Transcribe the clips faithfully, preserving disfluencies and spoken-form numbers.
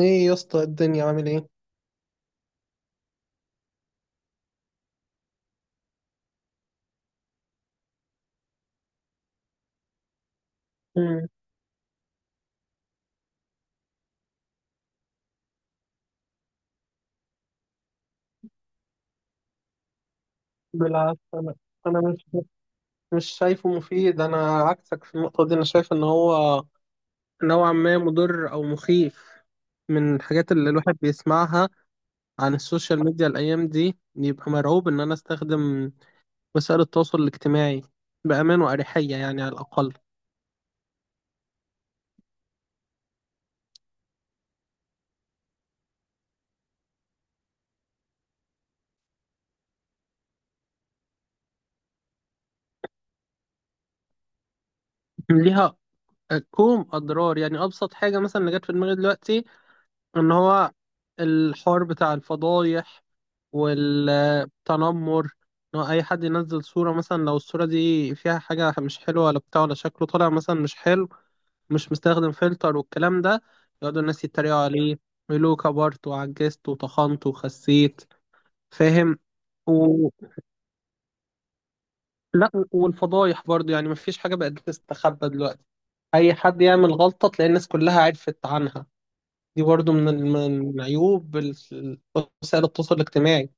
ايه يا اسطى، الدنيا عامل ايه؟ مم. بالعكس، انا انا مش مش شايفه مفيد. انا عكسك في النقطه دي. انا شايف ان هو نوعا ما مضر او مخيف. من الحاجات اللي الواحد بيسمعها عن السوشيال ميديا الايام دي، يبقى مرعوب ان انا استخدم وسائل التواصل الاجتماعي بامان واريحيه يعني على الاقل. ليها كوم اضرار. يعني ابسط حاجه مثلا اللي جت في دماغي دلوقتي، ان هو الحوار بتاع الفضايح. تنمر. إن هو أي حد ينزل صورة مثلا، لو الصورة دي فيها حاجة مش حلوة ولا بتاع، ولا شكله طالع مثلا مش حلو، مش مستخدم فلتر والكلام ده، يقعدوا الناس يتريقوا عليه ويقولوا كبرت وعجزت وطخنت وخسيت، فاهم. و... لا، والفضايح برضو، يعني مفيش حاجة بقت تستخبى دلوقتي. أي حد يعمل غلطة تلاقي الناس كلها عرفت عنها. دي برضو من ال- من عيوب ال- وسائل التواصل الاجتماعي.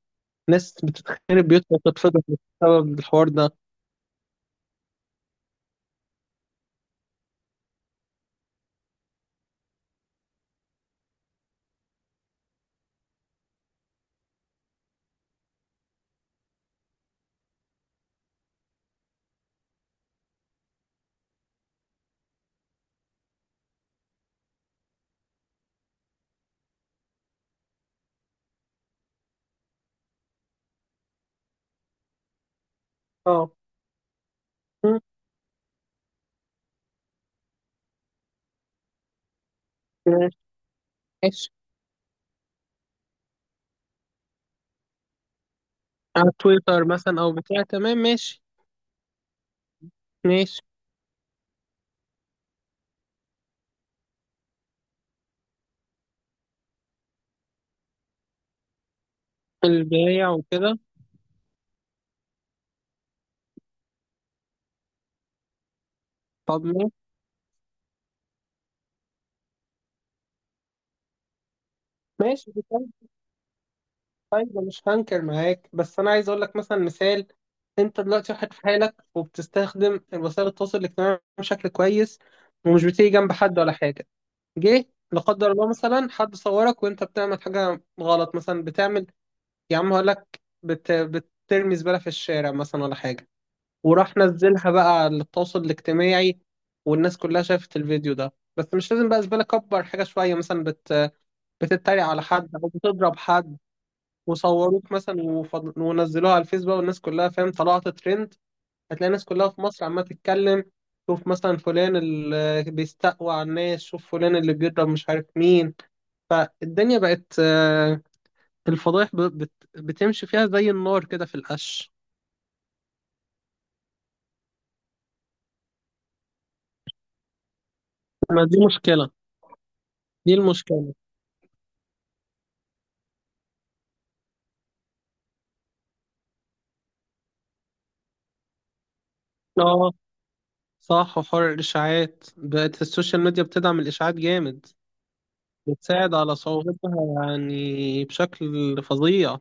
ناس بتتخرب بيوتها وتتفضح بسبب الحوار ده. اه، ماشي، ماشي. على تويتر مثلا او بتاع، تمام، ماشي، ماشي. البياع وكده. طب ماشي. ماشي بتاع. طيب أنا مش هنكر معاك، بس انا عايز اقول لك مثلا مثال. انت دلوقتي واحد في حالك، وبتستخدم وسائل التواصل الاجتماعي بشكل كويس، ومش بتيجي جنب حد ولا حاجه. جه لا قدر الله مثلا حد صورك وانت بتعمل حاجه غلط. مثلا بتعمل، يا عم هقول لك، بت... بترمي زباله في الشارع مثلا ولا حاجه، وراح نزلها بقى على التواصل الاجتماعي، والناس كلها شافت الفيديو ده. بس مش لازم بقى زبالة، كبر حاجة شوية مثلا، بت... بتتريق على حد أو بتضرب حد، وصوروك مثلا، وفض... ونزلوها على الفيس بقى، والناس كلها، فاهم، طلعت ترند. هتلاقي الناس كلها في مصر عمالة تتكلم، شوف مثلا فلان اللي بيستقوى على الناس، شوف فلان اللي بيضرب مش عارف مين. فالدنيا بقت آه، الفضايح ب... بت... بتمشي فيها زي النار كده في القش. ما دي مشكلة. دي المشكلة. اه صح، وحوار الإشاعات، بقت السوشيال ميديا بتدعم الإشاعات جامد، بتساعد على صعوبتها يعني بشكل فظيع.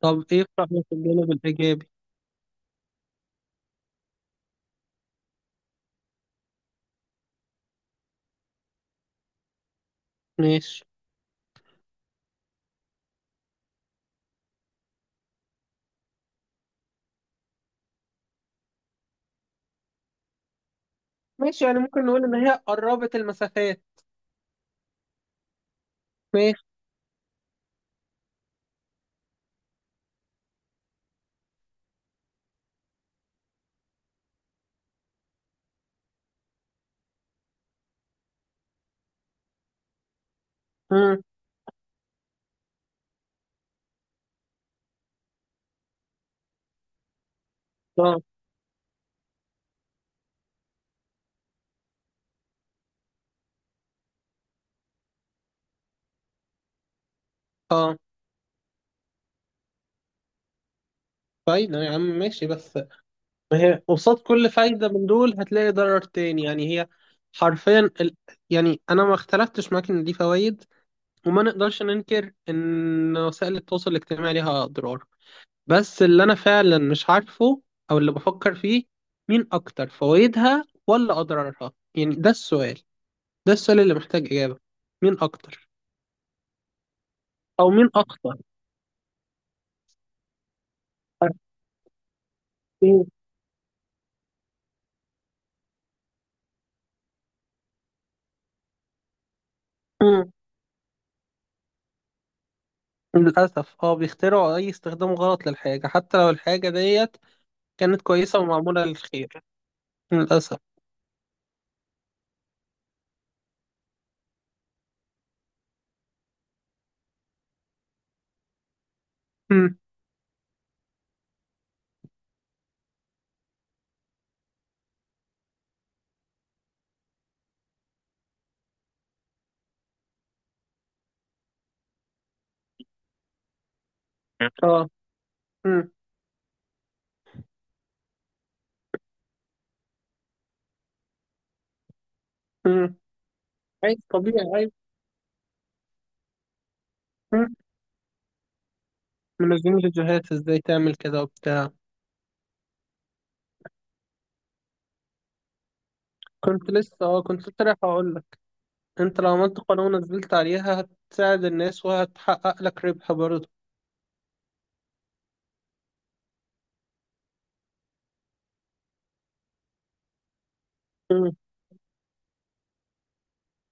طب إيه في رأيك الجانب الإيجابي؟ ماشي. ماشي، يعني ممكن نقول إن هي قربت المسافات. ماشي. مم. اه، اه. فايدة يا عم، ماشي، بس ما هي قصاد كل فايدة من دول هتلاقي ضرر تاني. يعني هي حرفيا ال... يعني أنا ما اختلفتش معاك إن دي فوائد، وما نقدرش ننكر إن وسائل التواصل الاجتماعي ليها أضرار، بس اللي انا فعلا مش عارفه، او اللي بفكر فيه، مين اكتر، فوائدها ولا اضرارها؟ يعني ده السؤال. ده السؤال اللي محتاج اجابة، مين اكتر، او مين اخطر. أكيد. مم. للاسف، اه، بيخترعوا اي استخدام غلط للحاجة، حتى لو الحاجة ديت كانت كويسة ومعمولة للخير. للاسف. مم. اه. مم. مم. عايز، طبيعي، عايز. مم. منزلين فيديوهات ازاي تعمل كده وبتاع. كنت لسه اه كنت لسه رايح اقول، انت لو عملت قناة ونزلت عليها، هتساعد الناس وهتحقق لك ربح برضه. مم.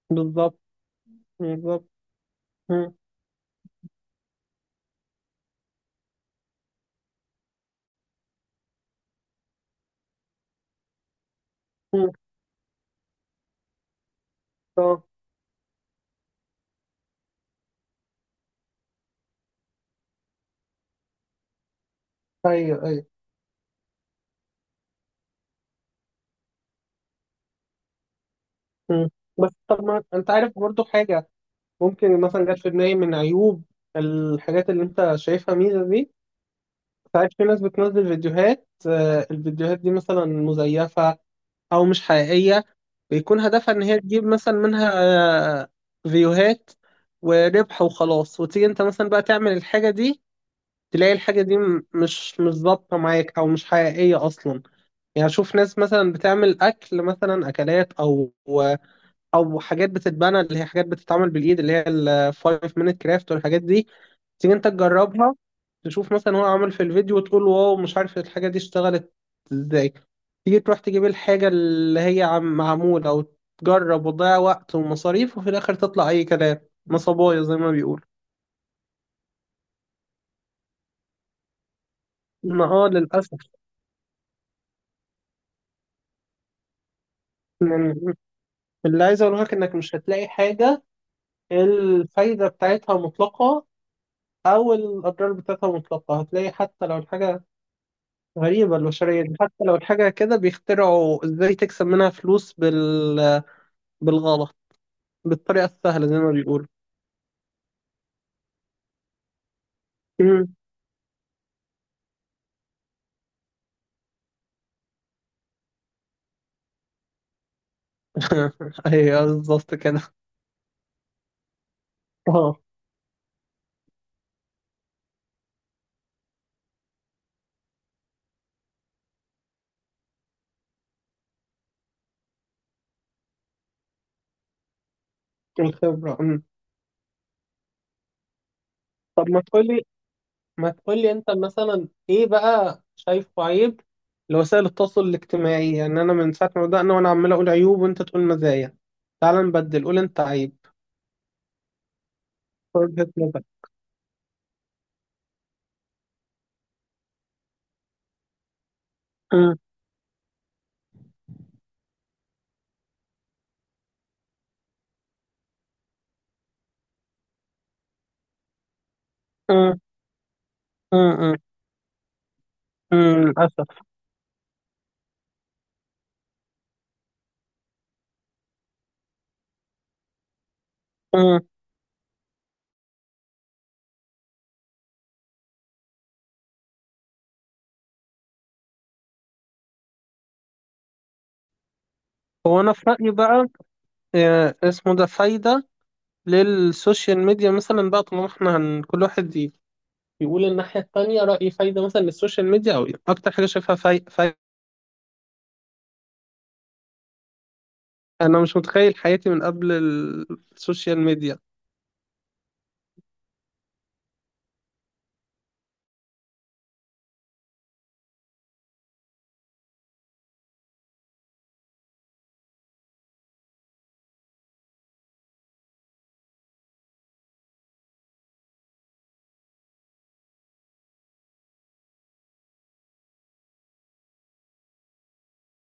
بالظبط. بالظبط. مم. مم. اه، ايوه، ايوه. مم. بس طب ما انت عارف برضه حاجة، ممكن مثلا جت في دماغي، من عيوب الحاجات اللي انت شايفها ميزة دي، ساعات في ناس بتنزل فيديوهات، آه، الفيديوهات دي مثلا مزيفة او مش حقيقية. بيكون هدفها ان هي تجيب مثلا منها آه، فيوهات وربح وخلاص، وتيجي انت مثلا بقى تعمل الحاجة دي، تلاقي الحاجة دي م- مش مش ظابطة معاك، أو مش حقيقية أصلا. يعني أشوف ناس مثلا بتعمل أكل، مثلا أكلات، أو أو حاجات بتتبنى، اللي هي حاجات بتتعمل بالإيد، اللي هي ال five minute craft والحاجات دي. تيجي أنت تجربها، تشوف مثلا هو عمل في الفيديو، وتقول واو مش عارف الحاجة دي اشتغلت إزاي. تيجي تروح تجيب الحاجة اللي هي عم معمولة، وتجرب، وتضيع وقت ومصاريف، وفي الآخر تطلع أي كلام، نصبايا زي ما بيقول. ما، اه للأسف. يعني اللي عايز اقوله لك، انك مش هتلاقي حاجة الفايدة بتاعتها مطلقة، او الاضرار بتاعتها مطلقة. هتلاقي حتى لو الحاجة غريبة، البشرية دي حتى لو الحاجة كده بيخترعوا ازاي تكسب منها فلوس بال... بالغلط، بالطريقة السهلة زي ما بيقولوا. مم. ايوه بالظبط كده. اه. الخبرة. مم. طب ما تقولي ما تقول لي انت مثلا ايه بقى شايفه عيب لوسائل التواصل الاجتماعي. يعني انا من ساعه ما بدأنا وانا عمال اقول عيوب، وانت تقول مزايا. تعال نبدل، قول انت عيب، وجهة نظر. أمم. أمم. أمم. أمم. للأسف. أمم. هو أنا في رأيي بقى، آه، اسمه ده فايدة للسوشيال ميديا مثلا بقى، طالما احنا هن... كل واحد ي- يقول الناحية التانية رأيي. فايدة مثلا للسوشيال ميديا، أو إيه أكتر حاجة شايفها فايدة؟ فاي... فاي- أنا مش متخيل حياتي من قبل السوشيال ميديا.